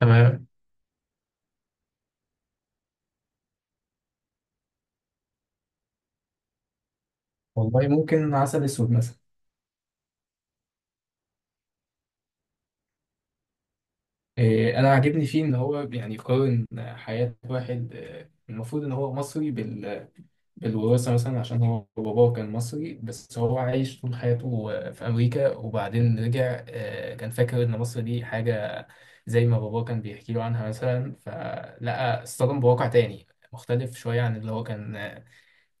تمام. والله ممكن عسل اسود مثلا. إيه، انا عاجبني فيه ان هو يعني يقارن حياة واحد، المفروض ان هو مصري بالوراثة مثلا، عشان هو باباه كان مصري، بس هو عايش طول حياته في امريكا، وبعدين رجع. كان فاكر ان مصر دي حاجة زي ما باباه كان بيحكي له عنها مثلا، فلقى اصطدم بواقع تاني مختلف شوية عن اللي هو كان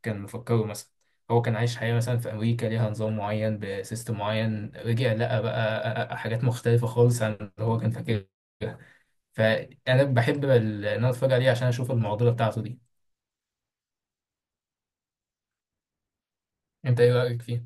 مفكره مثلا. هو كان عايش حياة مثلا في أمريكا، ليها نظام معين، بسيستم معين، رجع لقى بقى حاجات مختلفة خالص عن اللي هو كان فاكرها. فأنا بحب إن أنا أتفرج عليه عشان أشوف المعضلة بتاعته دي. أنت إيه رأيك فيه؟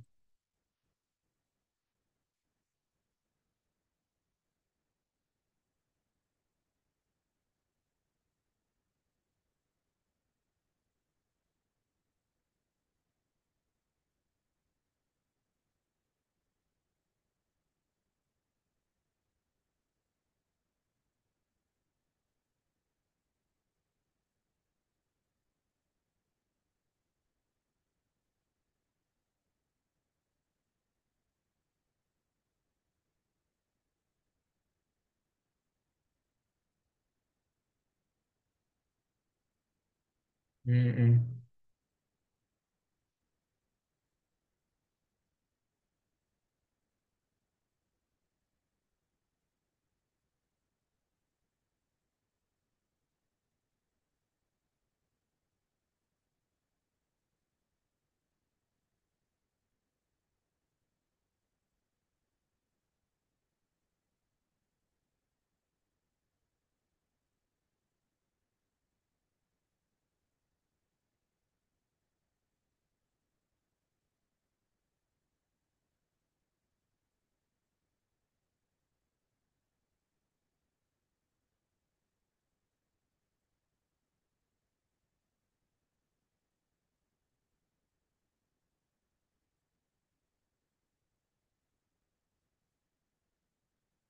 مم.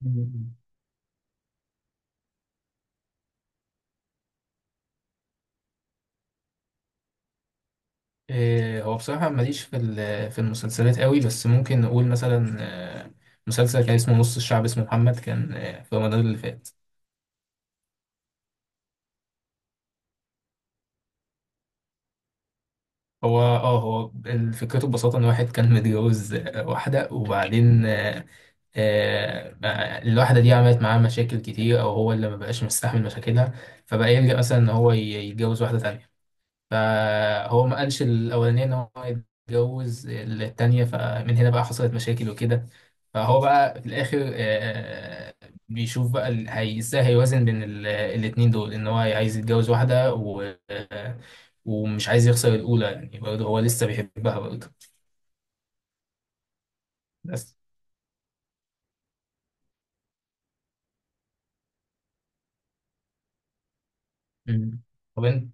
مم. إيه، هو بصراحة ماليش في في المسلسلات قوي، بس ممكن نقول مثلا مسلسل كان اسمه نص الشعب، اسمه محمد، كان في رمضان اللي فات. هو اه، هو فكرته ببساطة ان واحد كان متجوز واحدة، وبعدين آه، الواحدة دي عملت معاه مشاكل كتير، أو هو اللي مبقاش مستحمل مشاكلها، فبقى يلجأ مثلا إن هو يتجوز واحدة تانية. فهو ما قالش الأولانية إن هو يتجوز التانية، فمن هنا بقى حصلت مشاكل وكده. فهو بقى في الآخر بيشوف بقى إزاي هيوازن بين الاتنين دول، إن هو عايز يتجوز واحدة، و آه، ومش عايز يخسر الأولى، يعني برضه هو لسه بيحبها برضه، بس. مم. طب أنت.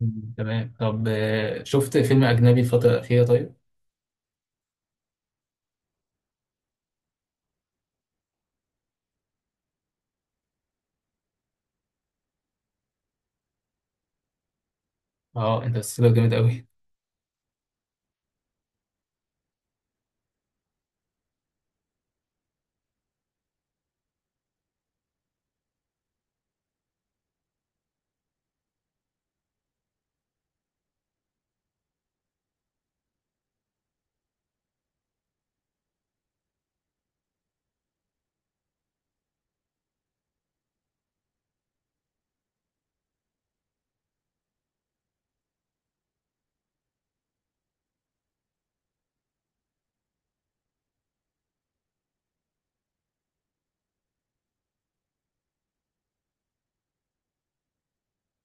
مم. تمام. طب شفت فيلم أجنبي الفترة الأخيرة طيب؟ اه، انترستيلر جامد أوي.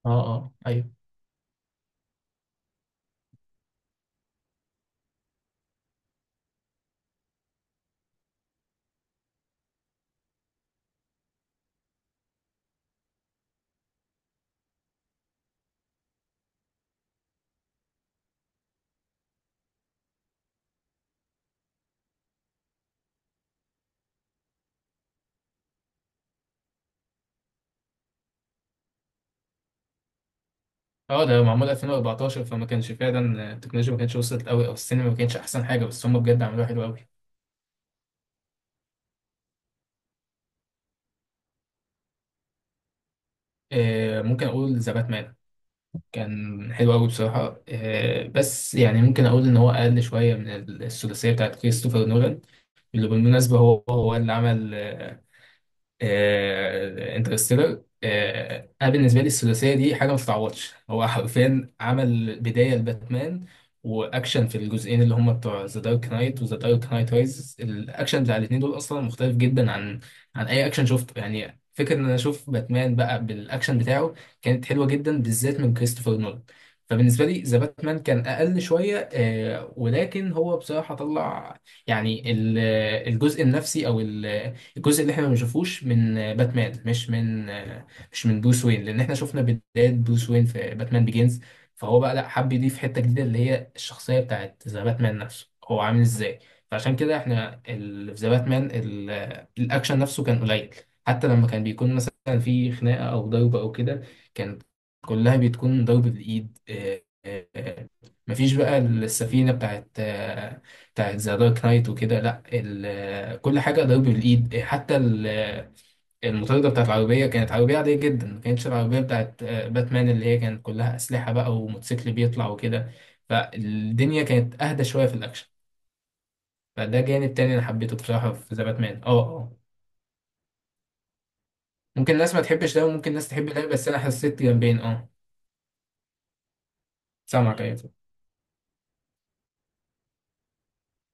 اه اه، أيوه. اه، ده معمول 2014، فما كانش فعلا التكنولوجيا ما كانتش وصلت أوي، أو السينما ما كانتش أحسن حاجة، بس هم بجد عملوها حلو أوي. ممكن أقول ذا باتمان. كان حلو أوي بصراحة، بس يعني ممكن أقول إن هو أقل شوية من الثلاثية بتاعت كريستوفر نولان، اللي بالمناسبة هو اللي عمل انترستيلر. انا بالنسبه لي الثلاثيه دي حاجه ما تتعوضش. هو حرفيا عمل بدايه لباتمان واكشن في الجزئين اللي هم بتوع ذا دارك نايت وذا دارك نايت رايز. الاكشن بتاع الاثنين دول اصلا مختلف جدا عن اي اكشن شفته، يعني فكره ان انا اشوف باتمان بقى بالاكشن بتاعه كانت حلوه جدا، بالذات من كريستوفر نولان. فبالنسبه لي، ذا باتمان كان اقل شويه، ولكن هو بصراحه طلع يعني الجزء النفسي، او الجزء اللي احنا ما بنشوفوش من باتمان، مش من بروس وين، لان احنا شفنا بداية بروس وين في باتمان بيجينز. فهو بقى لا، حب يضيف حتة جديدة، اللي هي الشخصية بتاعت ذا باتمان نفسه هو عامل ازاي. فعشان كده احنا في ذا باتمان الاكشن نفسه كان قليل. حتى لما كان بيكون مثلا في خناقة او ضرب او كده، كانت كلها بتكون ضرب بالايد. مفيش بقى السفينة بتاعت ذا دارك نايت وكده، لا، كل حاجه ضرب بالايد. حتى المطارده بتاعت العربيه كانت عربيه عاديه جدا، ما كانتش العربيه بتاعت باتمان اللي هي كانت كلها اسلحه بقى، وموتوسيكل بيطلع وكده. فالدنيا كانت اهدى شويه في الاكشن. فده جانب تاني انا حبيته بصراحه في ذا باتمان. اه اه. ممكن الناس ما تحبش ده، وممكن الناس تحب ده، بس انا حسيت جنبين. اه. سامعك، ايوه.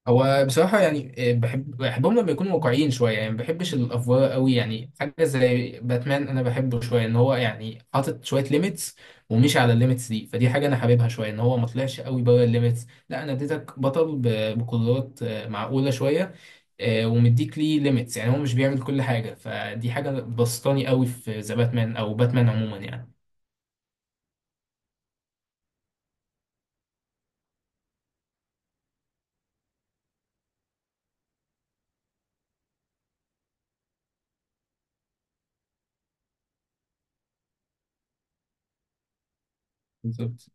هو بصراحة يعني بحبهم لما يكونوا واقعيين شوية، يعني ما بحبش الأفوار قوي. يعني حاجة زي باتمان أنا بحبه شوية، إن هو يعني حاطط شوية ليميتس، ومشي على الليميتس دي. فدي حاجة أنا حاببها شوية، إن هو ما طلعش قوي بره الليميتس، لا، أنا اديتك بطل بقدرات معقولة شوية، ومديك ليه ليميتس، يعني هو مش بيعمل كل حاجة. فدي حاجة بسطاني قوي في ذا باتمان، أو باتمان عموما، يعني. بالظبط.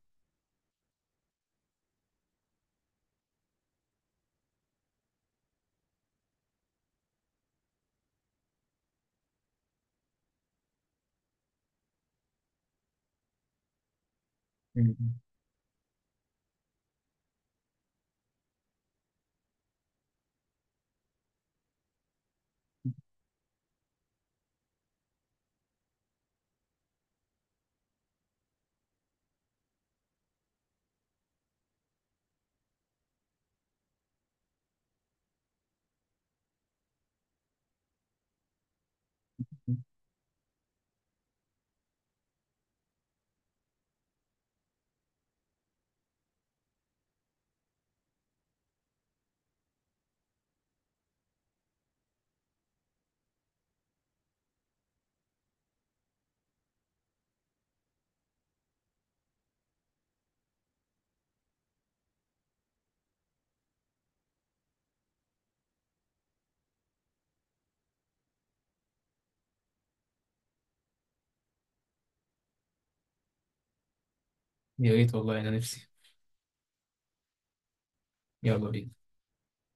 مم. يا ريت والله، أنا نفسي. يلا بينا.